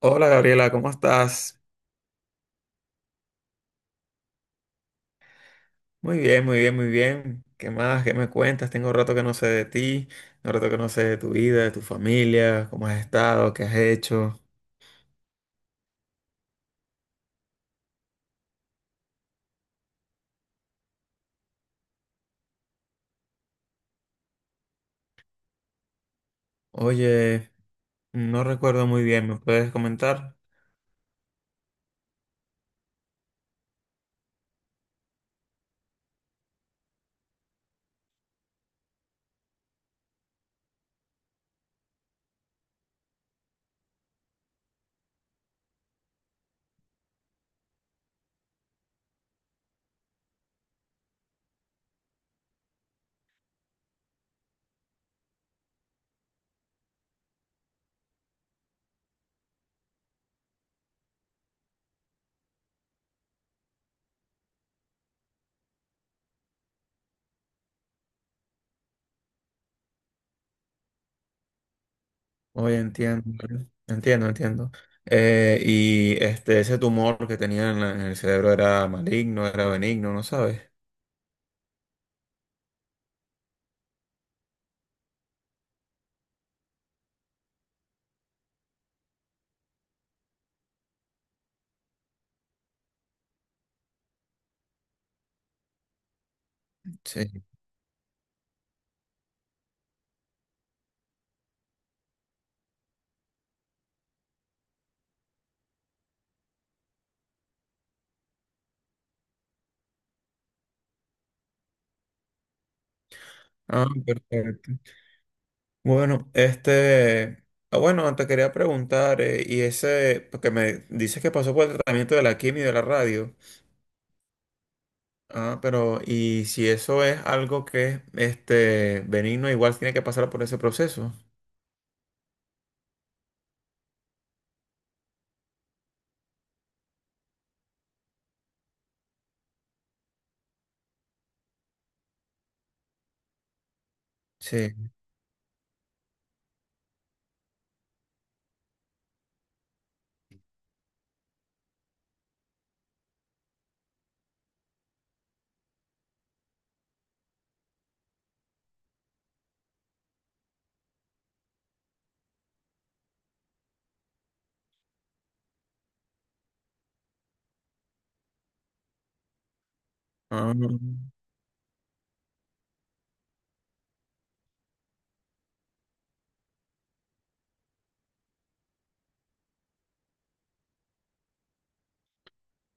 Hola Gabriela, ¿cómo estás? Muy bien, muy bien, muy bien. ¿Qué más? ¿Qué me cuentas? Tengo un rato que no sé de ti, un rato que no sé de tu vida, de tu familia, cómo has estado, qué has hecho. Oye, no recuerdo muy bien, ¿me puedes comentar? Oye, entiendo, entiendo, entiendo. Ese tumor que tenía en, en el cerebro era maligno, era benigno, ¿no sabes? Sí. Ah, perfecto. Bueno, bueno, te quería preguntar, y ese, porque me dices que pasó por el tratamiento de la quimio y de la radio, ah, pero, y si eso es algo que benigno, igual tiene que pasar por ese proceso. Sí. Ah,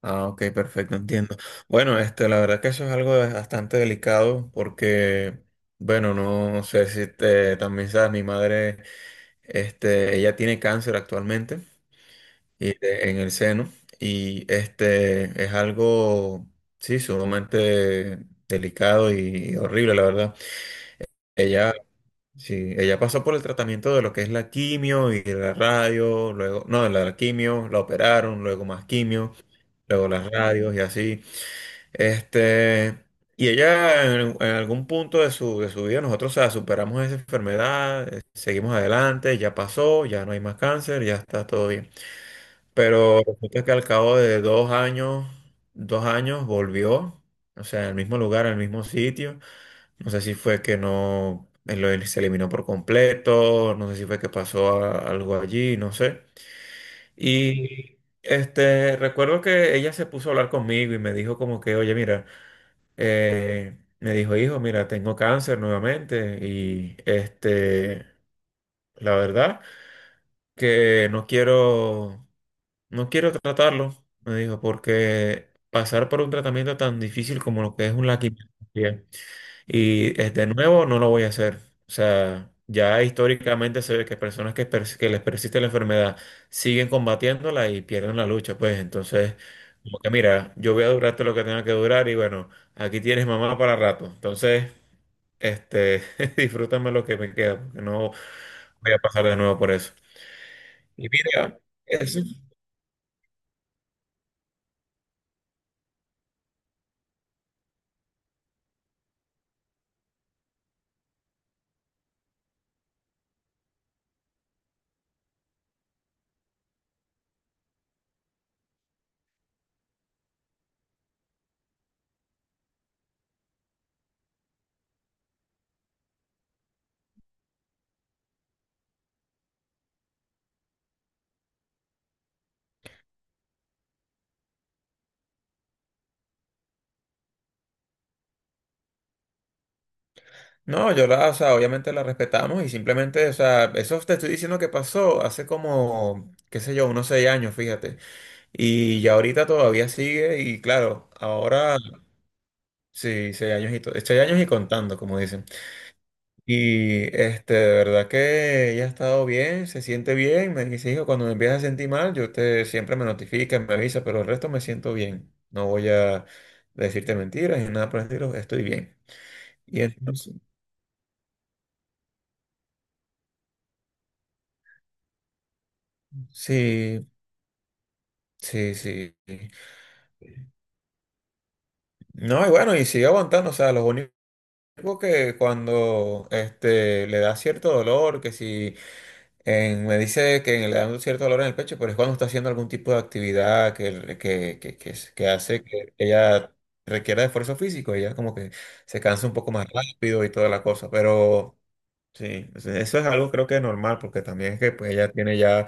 ok, perfecto, entiendo. Bueno, la verdad que eso es bastante delicado, porque, bueno, no sé si te, también sabes, mi madre, ella tiene cáncer actualmente. Y en el seno. Y este es algo, sí, sumamente delicado y horrible, la verdad. Ella, sí, ella pasó por el tratamiento de lo que es la quimio y la radio, luego, no, la quimio, la operaron, luego más quimio, luego las radios y así. Este, y ella en algún punto de su vida, nosotros, o sea, superamos esa enfermedad, seguimos adelante, ya pasó, ya no hay más cáncer, ya está todo bien. Pero resulta que al cabo de 2 años, 2 años volvió, o sea, al mismo lugar, al mismo sitio. No sé si fue que no, él se eliminó por completo, no sé si fue que algo allí, no sé. Y recuerdo que ella se puso a hablar conmigo y me dijo como que, oye, mira, me dijo, hijo, mira, tengo cáncer nuevamente y la verdad que no quiero. No quiero tratarlo, me dijo, porque pasar por un tratamiento tan difícil como lo que es un la quimioterapia y es de nuevo, no lo voy a hacer. O sea, ya históricamente se ve que personas que, que les persiste la enfermedad siguen combatiéndola y pierden la lucha, pues entonces, como que mira, yo voy a durarte lo que tenga que durar y bueno, aquí tienes mamá para rato. Entonces, este, disfrútame lo que me queda, porque no voy a pasar de nuevo por eso. Y mira, eso. No, yo la, o sea, obviamente la respetamos y simplemente, o sea, eso te estoy diciendo que pasó hace como, qué sé yo, unos 6 años, fíjate. Y ya ahorita todavía sigue y claro, ahora sí, 6 años y, 6 años y contando, como dicen. Y de verdad que ella ha estado bien, se siente bien, me dice, hijo, cuando me empiezas a sentir mal, yo te siempre me notifica, me avisa, pero el resto me siento bien. No voy a decirte mentiras ni nada por el estilo, estoy bien. Y entonces, sí. Sí, sí. No, y bueno, y sigue aguantando, o sea, los únicos que cuando le da cierto dolor, que si me dice que le da un cierto dolor en el pecho, pero es cuando está haciendo algún tipo de actividad que hace que ella requiera de esfuerzo físico, ella como que se cansa un poco más rápido y toda la cosa, pero sí, o sea, eso es algo creo que es normal, porque también es que pues, ella tiene ya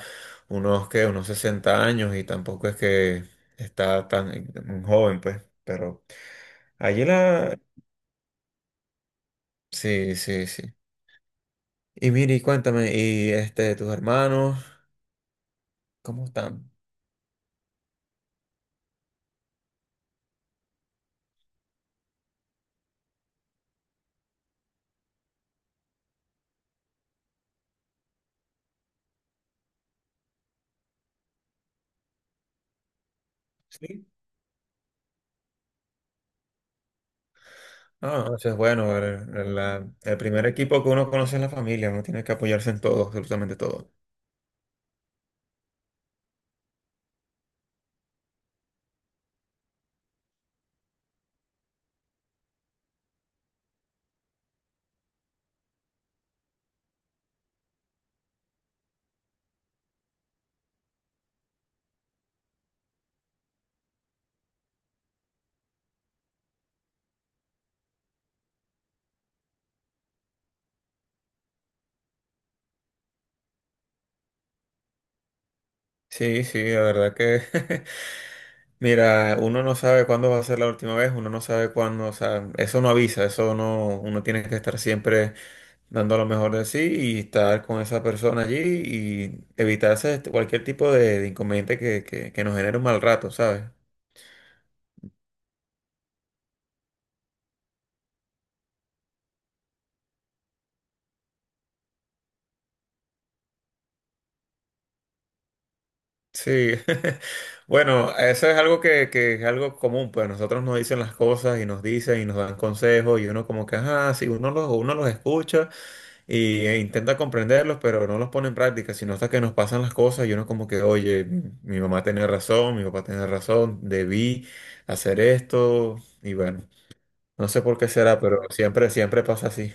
unos, que unos 60 años y tampoco es que está tan tan joven, pues, pero... Allí la, sí, sí, sí. Y Miri, cuéntame, ¿y tus hermanos, cómo están? Sí. Ah, eso es bueno, el primer equipo que uno conoce es la familia, uno tiene que apoyarse en todo, absolutamente todo. Sí, sí, la verdad que, mira, uno no sabe cuándo va a ser la última vez, uno no sabe cuándo, o sea, eso no avisa, eso no, uno tiene que estar siempre dando lo mejor de sí y estar con esa persona allí y evitarse cualquier tipo de inconveniente que nos genere un mal rato, ¿sabes? Sí, bueno, eso es algo que es algo común, pues a nosotros nos dicen las cosas y nos dicen y nos dan consejos y uno como que, ajá, sí, uno los escucha y, e intenta comprenderlos, pero no los pone en práctica, sino hasta que nos pasan las cosas y uno como que, oye, mi mamá tenía razón, mi papá tenía razón, debí hacer esto y bueno, no sé por qué será, pero siempre, siempre pasa así.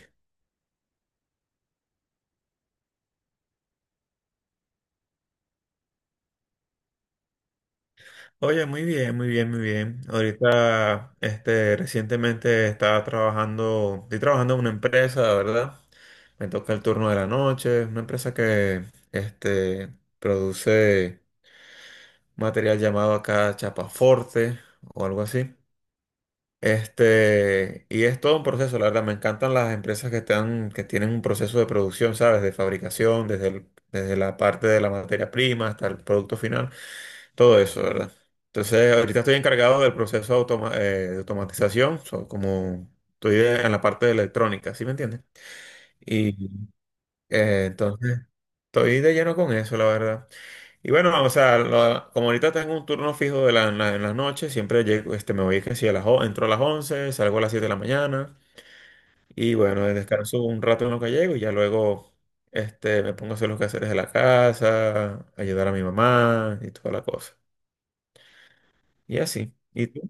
Oye, muy bien, muy bien, muy bien. Ahorita, recientemente estaba trabajando, estoy trabajando en una empresa, ¿verdad? Me toca el turno de la noche, una empresa que, este, produce material llamado acá chapaforte o algo así. Y es todo un proceso, la verdad, me encantan las empresas que están, que tienen un proceso de producción, ¿sabes? De fabricación, desde la parte de la materia prima hasta el producto final. Todo eso, ¿verdad? Entonces, ahorita estoy encargado del proceso de, de automatización, so, como en la parte de electrónica, ¿sí me entiendes? Y entonces, estoy de lleno con eso, la verdad. Y bueno, o sea, como ahorita tengo un turno fijo de en las noches, siempre llego, me voy que si a entro a las 11, salgo a las 7 de la mañana, y bueno, descanso un rato en lo que llego y ya luego me pongo a hacer los quehaceres de la casa, ayudar a mi mamá y toda la cosa. Y así. ¿Y tú?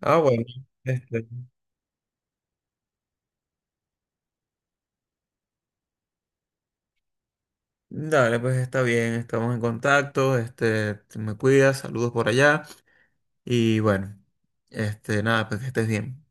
Ah, bueno. Este, dale, pues está bien, estamos en contacto, te me cuidas, saludos por allá y bueno, nada, pues que estés bien.